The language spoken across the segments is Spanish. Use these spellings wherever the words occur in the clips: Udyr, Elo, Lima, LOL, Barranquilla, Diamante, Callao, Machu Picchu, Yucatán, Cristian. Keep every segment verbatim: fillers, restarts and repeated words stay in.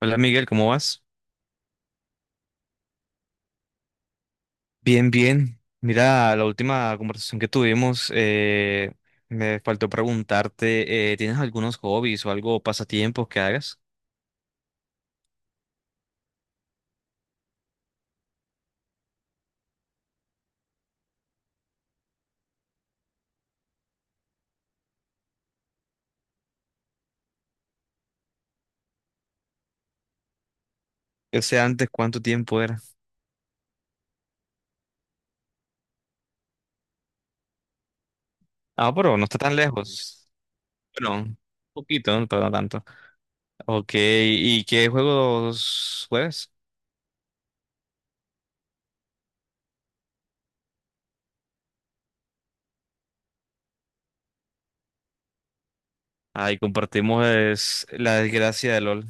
Hola Miguel, ¿cómo vas? Bien, bien. Mira, la última conversación que tuvimos, eh, me faltó preguntarte, eh, ¿tienes algunos hobbies o algo, pasatiempos que hagas? Yo sé antes cuánto tiempo era. Ah, pero no está tan lejos. Bueno, un poquito, pero no tanto. Ok, ¿y qué juegos juegas? Ahí compartimos es, la desgracia de LOL.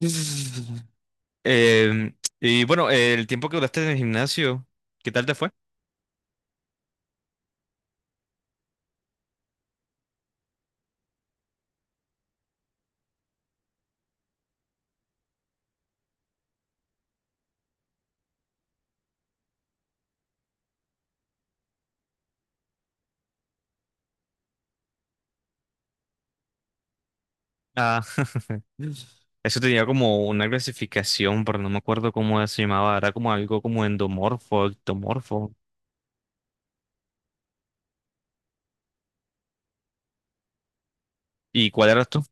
Em, y bueno, el tiempo que duraste en el gimnasio, ¿qué tal te fue? Ah. Eso tenía como una clasificación, pero no me acuerdo cómo se llamaba. Era como algo como endomorfo, ectomorfo. ¿Y cuál era tú?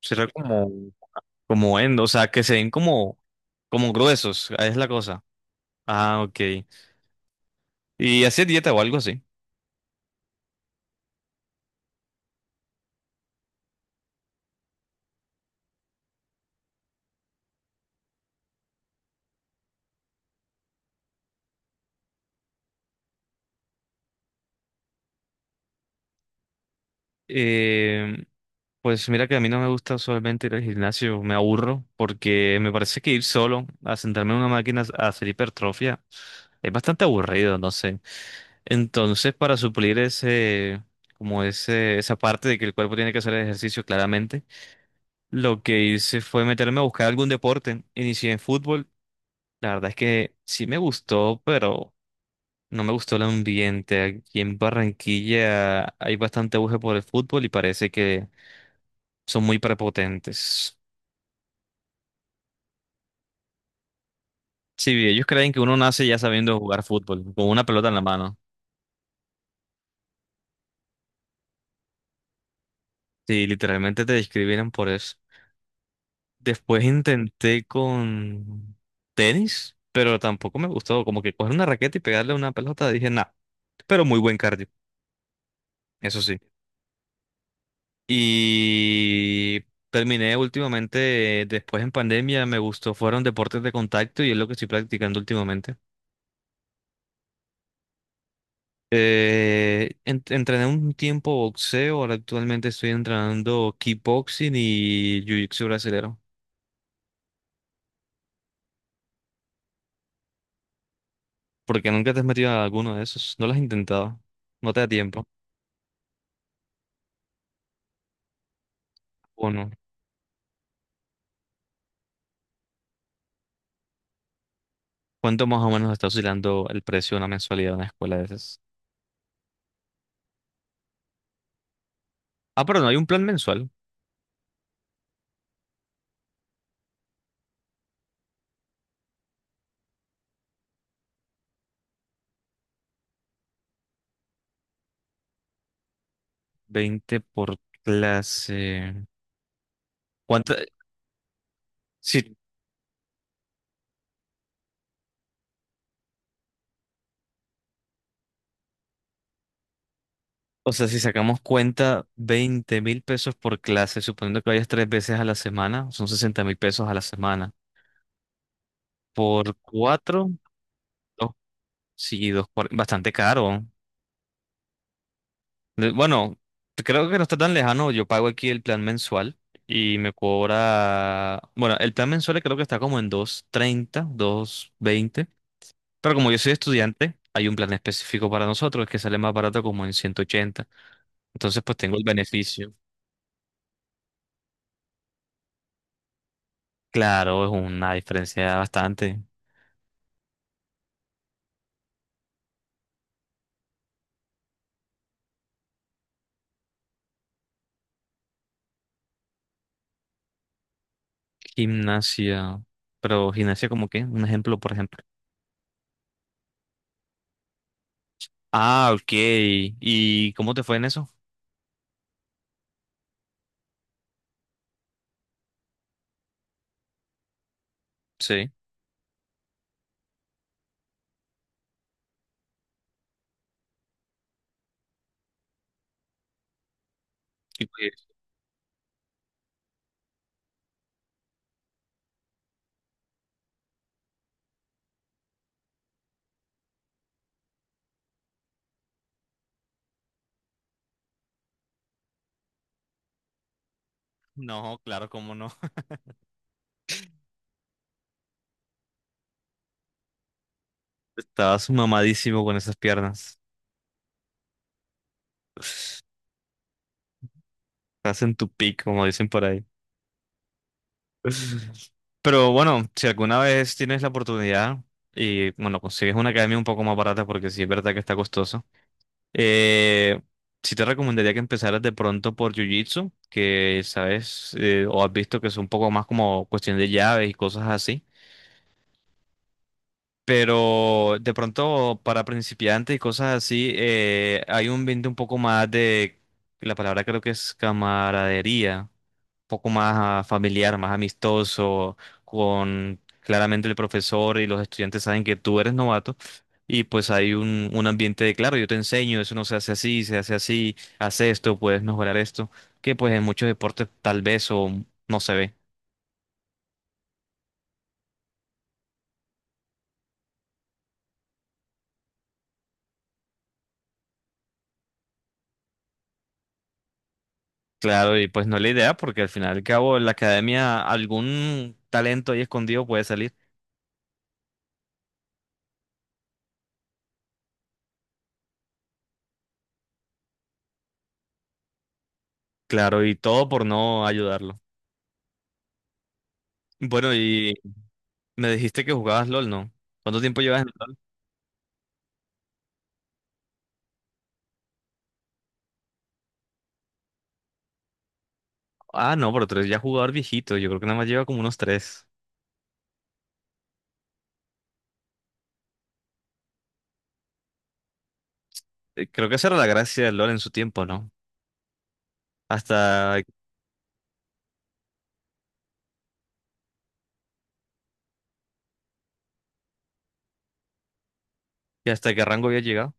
Será como, como endo, o sea, que se ven como, como gruesos, es la cosa. Ah, ok. ¿Y hacía dieta o algo así? Eh, pues mira que a mí no me gusta usualmente ir al gimnasio, me aburro porque me parece que ir solo a sentarme en una máquina a hacer hipertrofia es bastante aburrido, no sé. Entonces, para suplir ese, como ese, esa parte de que el cuerpo tiene que hacer ejercicio claramente, lo que hice fue meterme a buscar algún deporte. Inicié en fútbol. La verdad es que sí me gustó, pero no me gustó el ambiente. Aquí en Barranquilla hay bastante auge por el fútbol y parece que son muy prepotentes. Sí, ellos creen que uno nace ya sabiendo jugar fútbol, con una pelota en la mano. Sí, literalmente te discriminan por eso. Después intenté con tenis, pero tampoco me gustó. Como que coger una raqueta y pegarle una pelota, dije, nah, pero muy buen cardio, eso sí. Y terminé últimamente, eh, después en pandemia, me gustó, fueron deportes de contacto y es lo que estoy practicando últimamente. Eh, en- entrené un tiempo boxeo, ahora actualmente estoy entrenando kickboxing y jiu-jitsu brasilero. ¿Por qué nunca te has metido a alguno de esos? ¿No lo has intentado? ¿No te da tiempo? ¿O no? ¿Cuánto más o menos está oscilando el precio de una mensualidad de una escuela de esas? Ah, pero no, hay un plan mensual. veinte por clase. ¿Cuánto? Si, o sea, si sacamos cuenta, veinte mil pesos por clase, suponiendo que vayas tres veces a la semana, son sesenta mil pesos a la semana. Por cuatro. Sí, dos cuar- bastante caro. De- Bueno, creo que no está tan lejano. Yo pago aquí el plan mensual y me cobra. Bueno, el plan mensual creo que está como en dos treinta dos veinte. Pero como yo soy estudiante, hay un plan específico para nosotros que sale más barato como en ciento ochenta. Entonces, pues tengo el beneficio. Claro, es una diferencia bastante. Gimnasia. Pero gimnasia, como qué. Un ejemplo, por ejemplo. Ah, ok. ¿Y cómo te fue en eso? Sí. Y pues, no, claro, cómo no. Estabas mamadísimo con esas piernas. Estás en tu pico, como dicen por ahí. Pero bueno, si alguna vez tienes la oportunidad y bueno, consigues una academia un poco más barata porque sí es verdad que está costoso, eh, sí te recomendaría que empezaras de pronto por Jiu-Jitsu, que sabes eh, o has visto que es un poco más como cuestión de llaves y cosas así. Pero de pronto para principiantes y cosas así, eh, hay un ambiente un poco más de, la palabra creo que es camaradería, un poco más ah, familiar, más amistoso, con claramente el profesor y los estudiantes saben que tú eres novato y pues hay un, un ambiente de, claro, yo te enseño, eso no se hace así, se hace así, haz esto, puedes mejorar esto, que pues en muchos deportes tal vez o no se ve. Claro, y pues no es la idea, porque al final y al cabo en la academia algún talento ahí escondido puede salir. Claro, y todo por no ayudarlo. Bueno, y me dijiste que jugabas LOL, ¿no? ¿Cuánto tiempo llevas en LOL? Ah, no, pero tú eres ya jugador viejito, yo creo que nada más lleva como unos tres. Eh, Creo que esa era la gracia del LOL en su tiempo, ¿no? Hasta, que- hasta qué rango había llegado.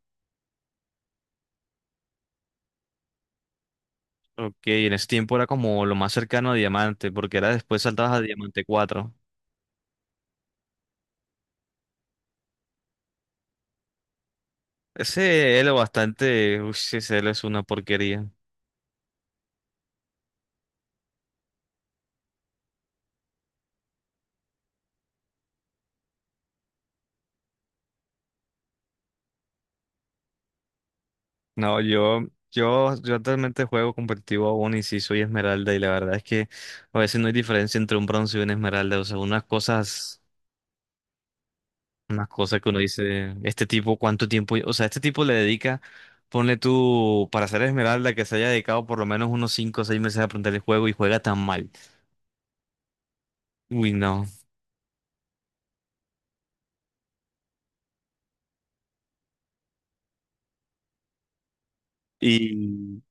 Ok, en ese tiempo era como lo más cercano a Diamante, porque era después saltabas a Diamante cuatro. Ese Elo bastante, uy, ese Elo es una porquería. No, yo, yo, yo actualmente juego competitivo aún y sí soy esmeralda y la verdad es que a veces no hay diferencia entre un bronce y una esmeralda. O sea, unas cosas, unas cosas que uno dice, este tipo, ¿cuánto tiempo? O sea, este tipo le dedica, ponle tú, para ser esmeralda, que se haya dedicado por lo menos unos cinco o seis meses a aprender el juego y juega tan mal. Uy, no. Y...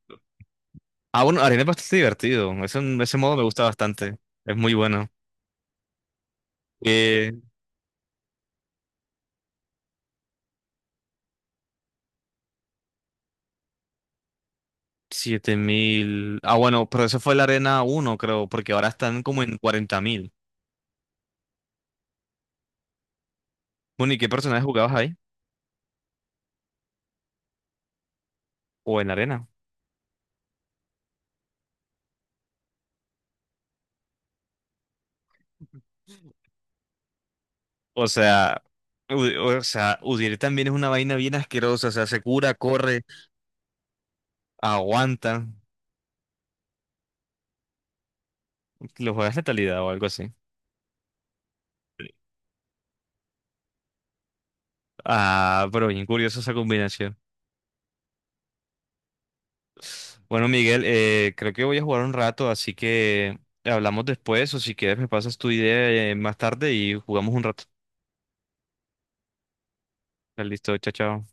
Ah, bueno, Arena es bastante divertido. Ese, ese modo me gusta bastante. Es muy bueno. Eh, Siete mil. Ah, bueno, pero eso fue la Arena uno creo, porque ahora están como en cuarenta mil. Bueno, ¿y qué personajes jugabas ahí? ¿O en la Arena? O sea, U- o sea, Udyr también es una vaina bien asquerosa. O sea, se cura, corre, aguanta. Lo juegas letalidad o algo así. Ah, pero bien curiosa esa combinación. Bueno, Miguel, eh, creo que voy a jugar un rato, así que hablamos después. O si quieres, me pasas tu idea eh, más tarde y jugamos un rato. Listo, chao, chao.